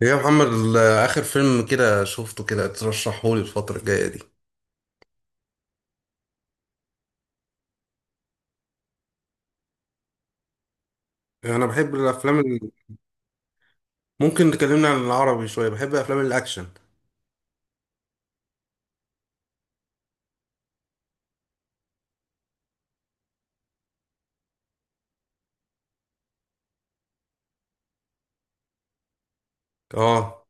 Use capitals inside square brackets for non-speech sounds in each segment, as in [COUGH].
يا محمد آخر فيلم كده شفته كده ترشحهولي الفترة الجاية دي. أنا بحب الأفلام ممكن تكلمنا عن العربي شوية. بحب أفلام الأكشن. أه،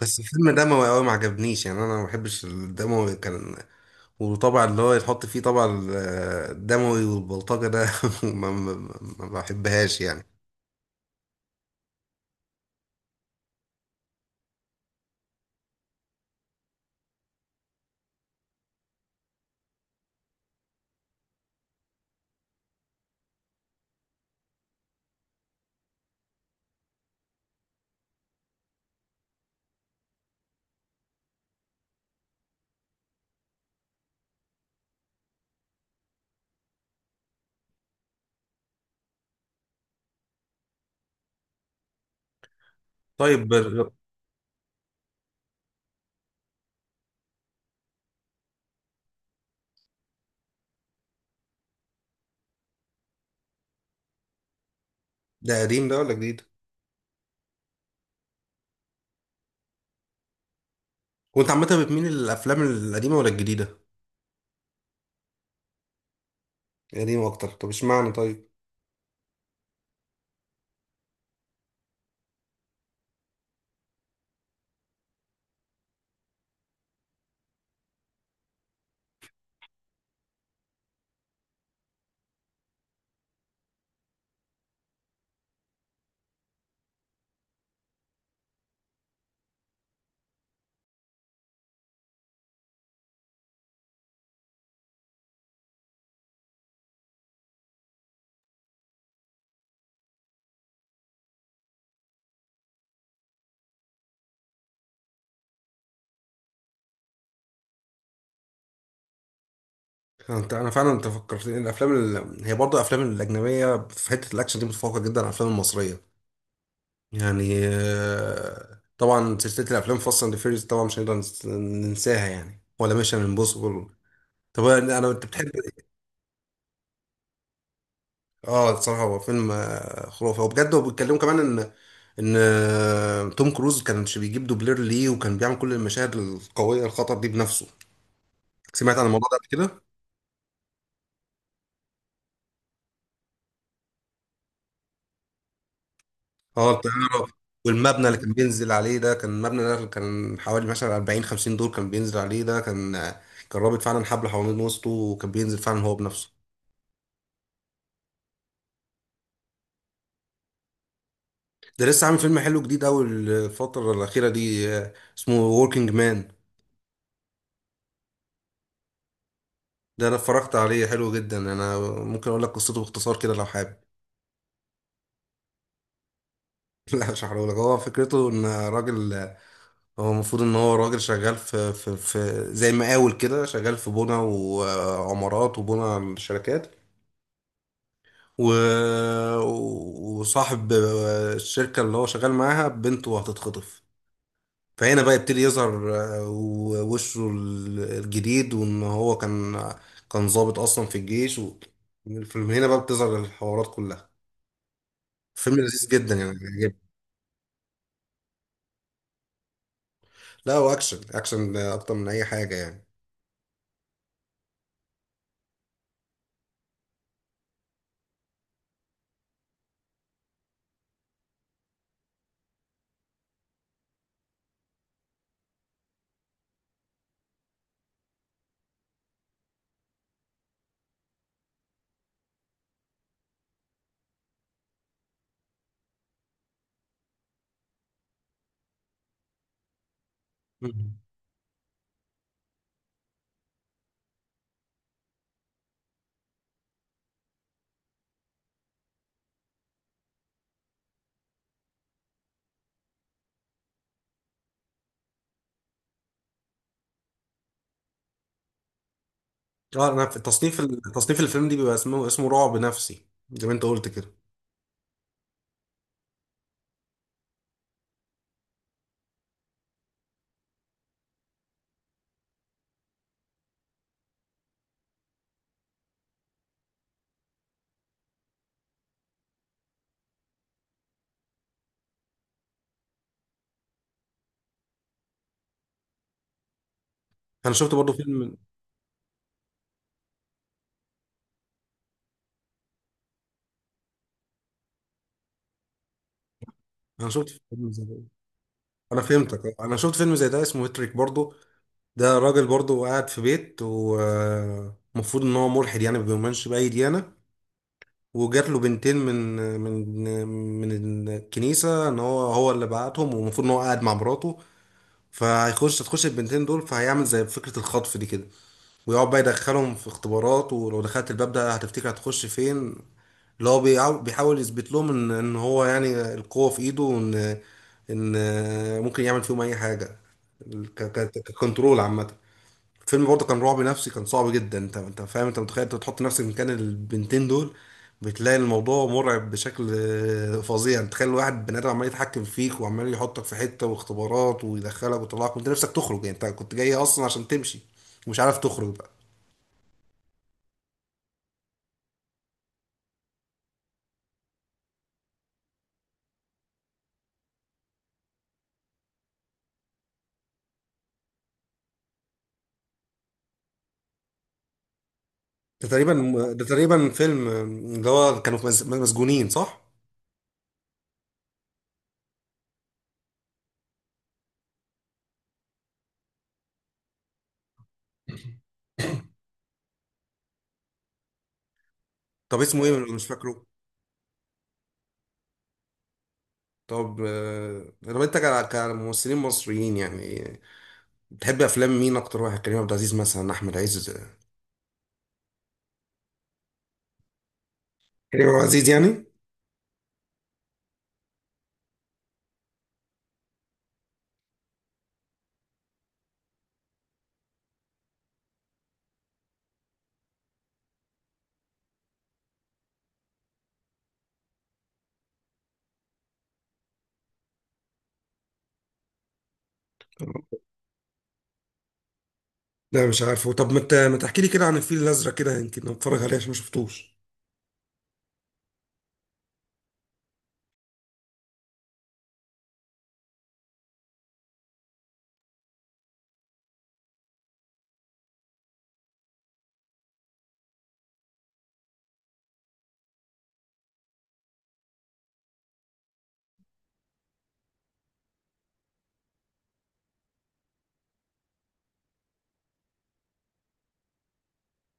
بس الفيلم دموي أوي ما عجبنيش. يعني أنا ما بحبش الدموي كان. وطبعا اللي هو يتحط فيه طبعا الدموي والبلطجة ده [LAUGHS] ما, ما, ما بحبهاش يعني. طيب، ده قديم ده ولا جديد؟ وأنت عامة بتميل للأفلام القديمة ولا الجديدة؟ القديمة أكتر. طب اشمعنى طيب؟ انا فعلا، انت فكرتني الافلام هي برضه الافلام الاجنبيه في حته الاكشن دي متفوقه جدا على الافلام المصريه. يعني طبعا سلسله الافلام فاست اند فيريز طبعا مش هنقدر ننساها يعني، ولا ميشن امبوسيبل. طب انت بتحب إيه؟ اه، الصراحه هو فيلم خرافي وبجد، وبيتكلموا كمان ان توم كروز كانش بيجيب دوبلير ليه، وكان بيعمل كل المشاهد القويه الخطر دي بنفسه. سمعت عن الموضوع ده قبل كده. اه، الطياره. والمبنى اللي كان بينزل عليه ده، كان مبنى ده كان حوالي مثلا 40 50 دور، كان بينزل عليه ده كان. كان رابط فعلا حبل حوالين وسطه، وكان بينزل فعلا هو بنفسه. ده لسه عامل فيلم حلو جديد قوي الفتره الاخيره دي، اسمه وركينج مان. ده انا اتفرجت عليه حلو جدا. انا ممكن اقول لك قصته باختصار كده لو حابب. [LAUGHS] لا مش هحرقهولك. هو فكرته ان راجل، هو المفروض ان هو راجل شغال في زي مقاول كده، شغال في بنى وعمارات وبنى شركات و... وصاحب الشركة اللي هو شغال معاها بنته هتتخطف. فهنا بقى يبتدي يظهر وشه الجديد، وان هو كان ضابط اصلا في الجيش. من هنا بقى بتظهر الحوارات كلها. فيلم لذيذ جدا يعني عجبني. لا، هو اكشن اكشن اكتر من اي حاجة يعني. مم. اه، انا في تصنيف تصنيف الفيلم دي بيبقى اسمه رعب نفسي زي ما انت قلت كده. انا شفت برضو فيلم. انا شفت فيلم زي ده. انا فهمتك. انا شفت فيلم زي ده اسمه هيتريك برضو. ده راجل برضه قاعد في بيت، ومفروض ان هو ملحد يعني، ما بيؤمنش باي ديانه. وجات له بنتين من من الكنيسه، ان هو اللي بعتهم، ومفروض ان هو قاعد مع مراته. تخش البنتين دول، فهيعمل زي فكره الخطف دي كده. ويقعد بقى يدخلهم في اختبارات، ولو دخلت الباب ده هتفتكر هتخش فين. اللي هو بيحاول يثبت لهم ان هو يعني القوه في ايده، وان ان ممكن يعمل فيهم اي حاجه. ككنترول عامه. الفيلم برضه كان رعب نفسي، كان صعب جدا. انت فاهم، انت متخيل، انت بتحط نفسك مكان البنتين دول. بتلاقي الموضوع مرعب بشكل فظيع. انت تخيل واحد بني ادم عمال يتحكم فيك، وعمال يحطك في حته واختبارات، ويدخلك ويطلعك وانت نفسك تخرج يعني، انت كنت جاي اصلا عشان تمشي. ومش عارف تخرج بقى. ده تقريبا ده تقريبا فيلم، اللي هو كانوا في مسجونين صح؟ طب اسمه ايه؟ مش فاكره. طب، لو انت كممثلين مصريين يعني، بتحب افلام مين اكتر واحد؟ كريم عبد العزيز مثلا، احمد عز. كريم عبد العزيز يعني. لا مش عارفه. طب ما تحكي لي كده عن الفيل الازرق، كده يمكن اتفرج عليه عشان ما شفتوش.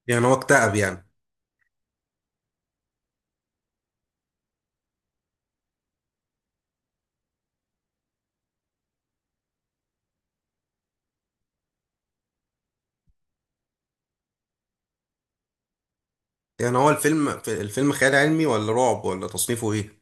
يعني هو اكتئب يعني. يعني هو الفيلم خيال علمي ولا رعب ولا تصنيفه ايه؟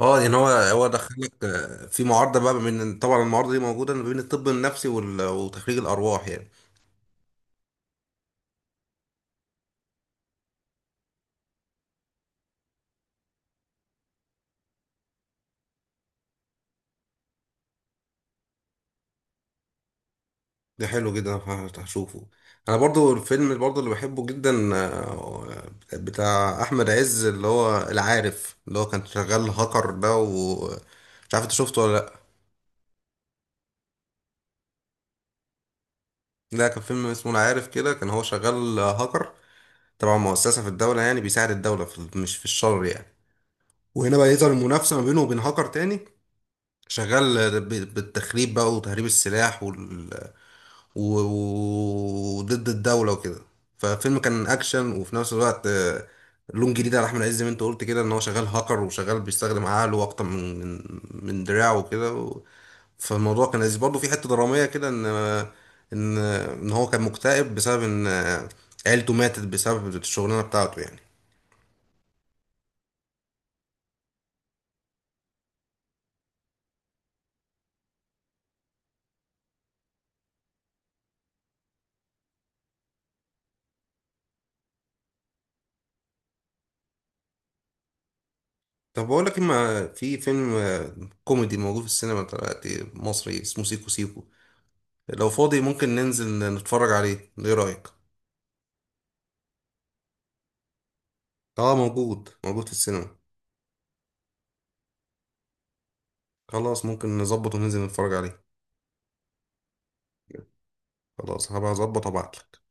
اه، يعني هو دخلك في معارضه بقى، من طبعا المعارضه دي موجوده ما بين الطب النفسي وتخريج الارواح يعني. ده حلو جدا، هشوفه. انا برضو الفيلم برضو اللي بحبه جدا بتاع احمد عز اللي هو العارف، اللي هو كان شغال هاكر ده. ومش عارف انت شفته ولا لا؟ ده كان فيلم اسمه انا عارف كده، كان هو شغال هاكر. تبع مؤسسة في الدولة يعني، بيساعد الدولة، في مش في الشر يعني. وهنا بقى يظهر المنافسة ما بينه وبين هاكر تاني. شغال بالتخريب بقى وتهريب السلاح. و- وضد الدولة وكده. ففيلم كان أكشن وفي نفس الوقت، لون جديد على أحمد عز، زي ما أنت قلت كده، إن هو شغال هاكر وشغال بيستخدم عقله أكتر من دراعه وكده فالموضوع كان لذيذ برضه في حتة درامية كده، إن هو كان مكتئب بسبب إن عيلته ماتت بسبب الشغلانة بتاعته يعني. طب بقول لك إما في فيلم كوميدي موجود في السينما دلوقتي، مصري، اسمه سيكو سيكو. لو فاضي ممكن ننزل نتفرج عليه، إيه رأيك؟ اه، موجود موجود في السينما. خلاص، ممكن نظبط وننزل نتفرج عليه. خلاص، هبقى اظبط وابعتلك.